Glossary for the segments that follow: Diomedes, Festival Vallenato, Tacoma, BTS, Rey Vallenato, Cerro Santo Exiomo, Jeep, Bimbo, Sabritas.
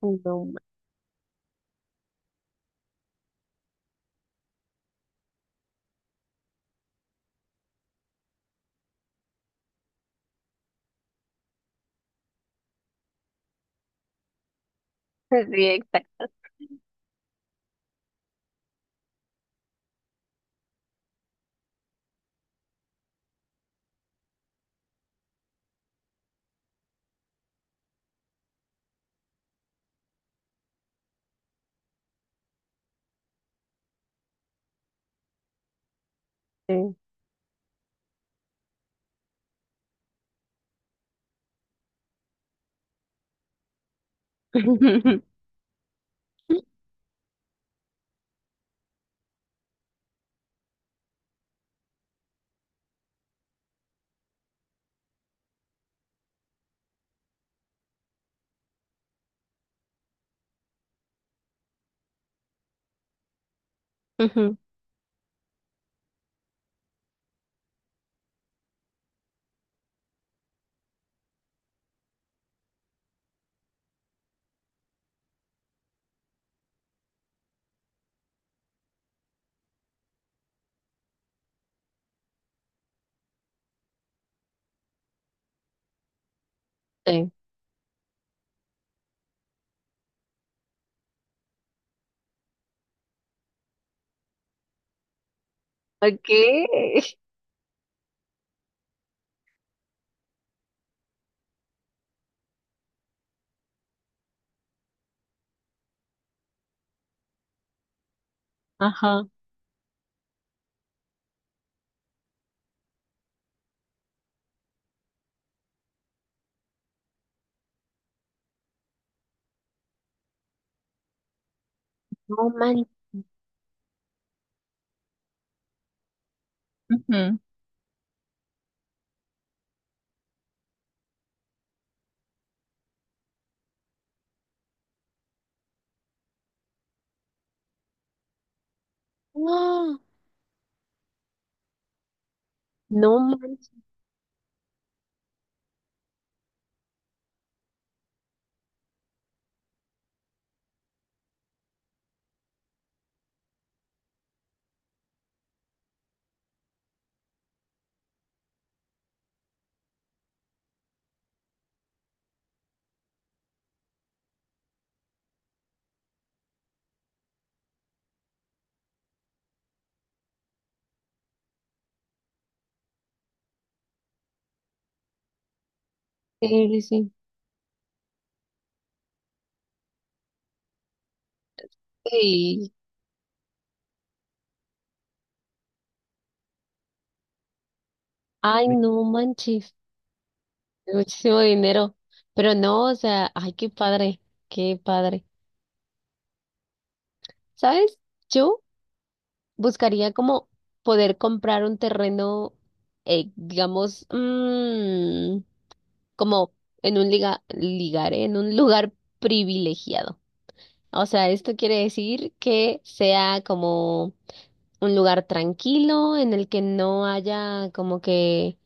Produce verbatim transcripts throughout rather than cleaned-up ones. No, ma- directa. eh. Ujú. eh. Ok. Ajá. No manches. Ujú. No, no manches. Sí. sí sí Ay, no manches. Muchísimo dinero. Pero no, o sea, ay, qué padre. Qué padre. ¿Sabes? Yo buscaría como poder comprar un terreno, eh, digamos, mm, como en un liga, ligar, ¿eh? en un lugar privilegiado. O sea, esto quiere decir que sea como un lugar tranquilo en el que no haya como que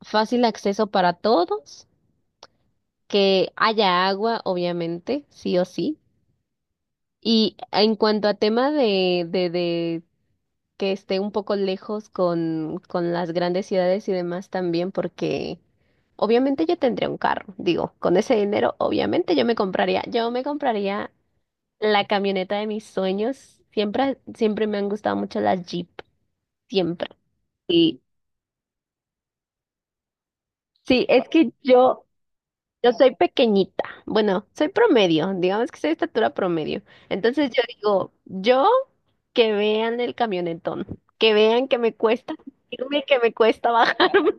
fácil acceso para todos, que haya agua, obviamente, sí o sí. Y en cuanto a tema de, de, de que esté un poco lejos con, con las grandes ciudades y demás también, porque obviamente yo tendría un carro, digo, con ese dinero, obviamente yo me compraría, yo me compraría la camioneta de mis sueños. Siempre, siempre me han gustado mucho las Jeep. Siempre. Sí, sí, es que yo, yo soy pequeñita. Bueno, soy promedio. Digamos que soy de estatura promedio. Entonces yo digo, yo que vean el camionetón. Que vean que me cuesta subirme, que me cuesta bajarme.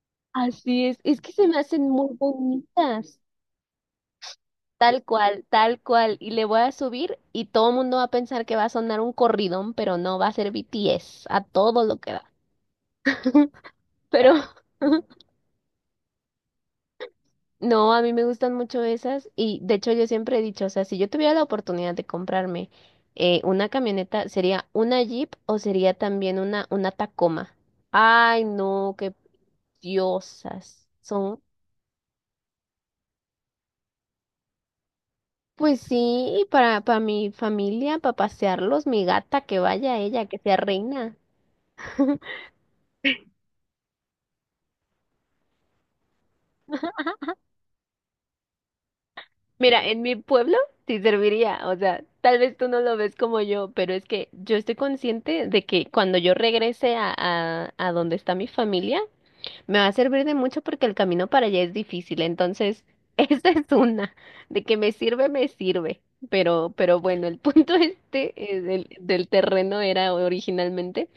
Así es. Es que se me hacen muy bonitas. Tal cual, tal cual. Y le voy a subir y todo el mundo va a pensar que va a sonar un corridón, pero no, va a ser B T S a todo lo que da. Pero no, a mí me gustan mucho esas y de hecho yo siempre he dicho, o sea, si yo tuviera la oportunidad de comprarme eh, una camioneta, ¿sería una Jeep o sería también una, una Tacoma? Ay, no, qué diosas son. Pues sí, para, para mi familia, para pasearlos, mi gata, que vaya ella, que sea reina. Mira, en mi pueblo sí serviría, o sea, tal vez tú no lo ves como yo, pero es que yo estoy consciente de que cuando yo regrese a, a, a donde está mi familia, me va a servir de mucho porque el camino para allá es difícil, entonces esa es una, de que me sirve, me sirve, pero, pero bueno, el punto este eh, del, del terreno era originalmente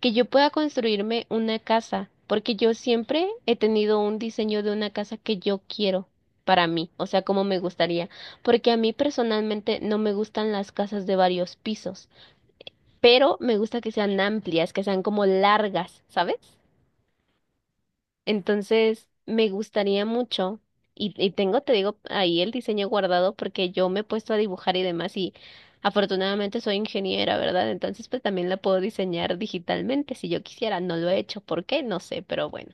que yo pueda construirme una casa, porque yo siempre he tenido un diseño de una casa que yo quiero para mí, o sea, como me gustaría, porque a mí personalmente no me gustan las casas de varios pisos, pero me gusta que sean amplias, que sean como largas, ¿sabes? Entonces, me gustaría mucho, y, y tengo, te digo, ahí el diseño guardado porque yo me he puesto a dibujar y demás, y afortunadamente soy ingeniera, ¿verdad? Entonces, pues también la puedo diseñar digitalmente si yo quisiera. No lo he hecho, ¿por qué? No sé, pero bueno.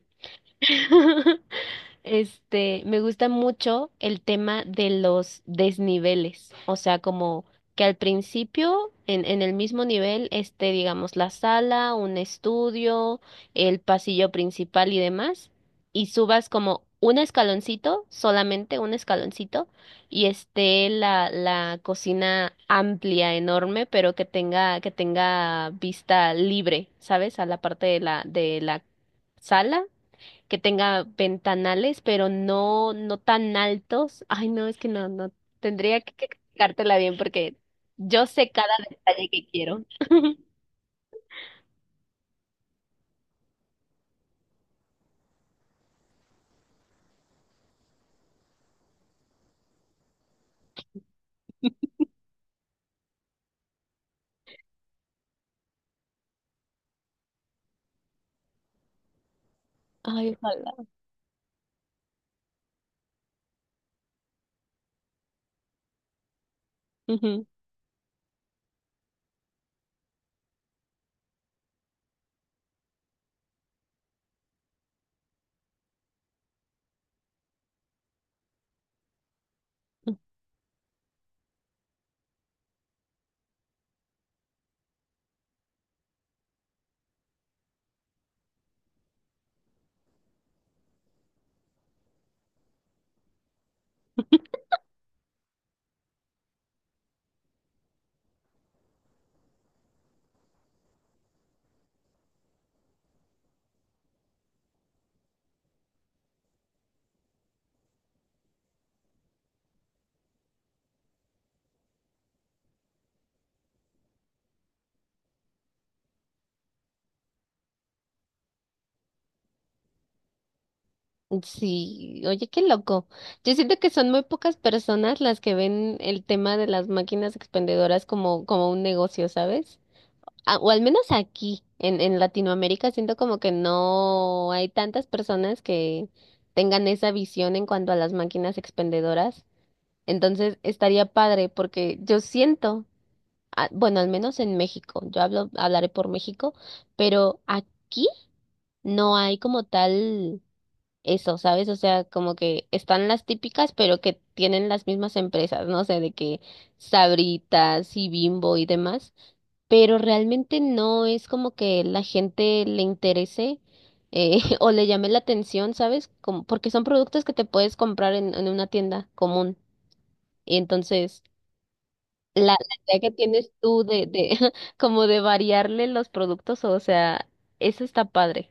Este, me gusta mucho el tema de los desniveles, o sea, como que al principio, en, en el mismo nivel, esté, digamos, la sala, un estudio, el pasillo principal y demás, y subas como un escaloncito, solamente un escaloncito, y esté la, la cocina amplia, enorme, pero que tenga, que tenga vista libre, ¿sabes? A la parte de la, de la sala que tenga ventanales, pero no, no tan altos. Ay, no, es que no, no, tendría que que explicártela bien porque yo sé cada detalle que quiero. Ay, ojalá. Ujú. Sí, oye, qué loco. Yo siento que son muy pocas personas las que ven el tema de las máquinas expendedoras como, como un negocio, ¿sabes? Ah, o al menos aquí, en, en Latinoamérica, siento como que no hay tantas personas que tengan esa visión en cuanto a las máquinas expendedoras. Entonces estaría padre porque yo siento, ah, bueno, al menos en México, yo hablo, hablaré por México, pero aquí no hay como tal eso, ¿sabes? O sea, como que están las típicas, pero que tienen las mismas empresas, no sé, de que Sabritas y Bimbo y demás, pero realmente no es como que la gente le interese. eh, o le llame la atención, ¿sabes? Como, porque son productos que te puedes comprar en, en una tienda común. Y entonces, La, la idea que tienes tú de, de como de variarle los productos, o sea, eso está padre.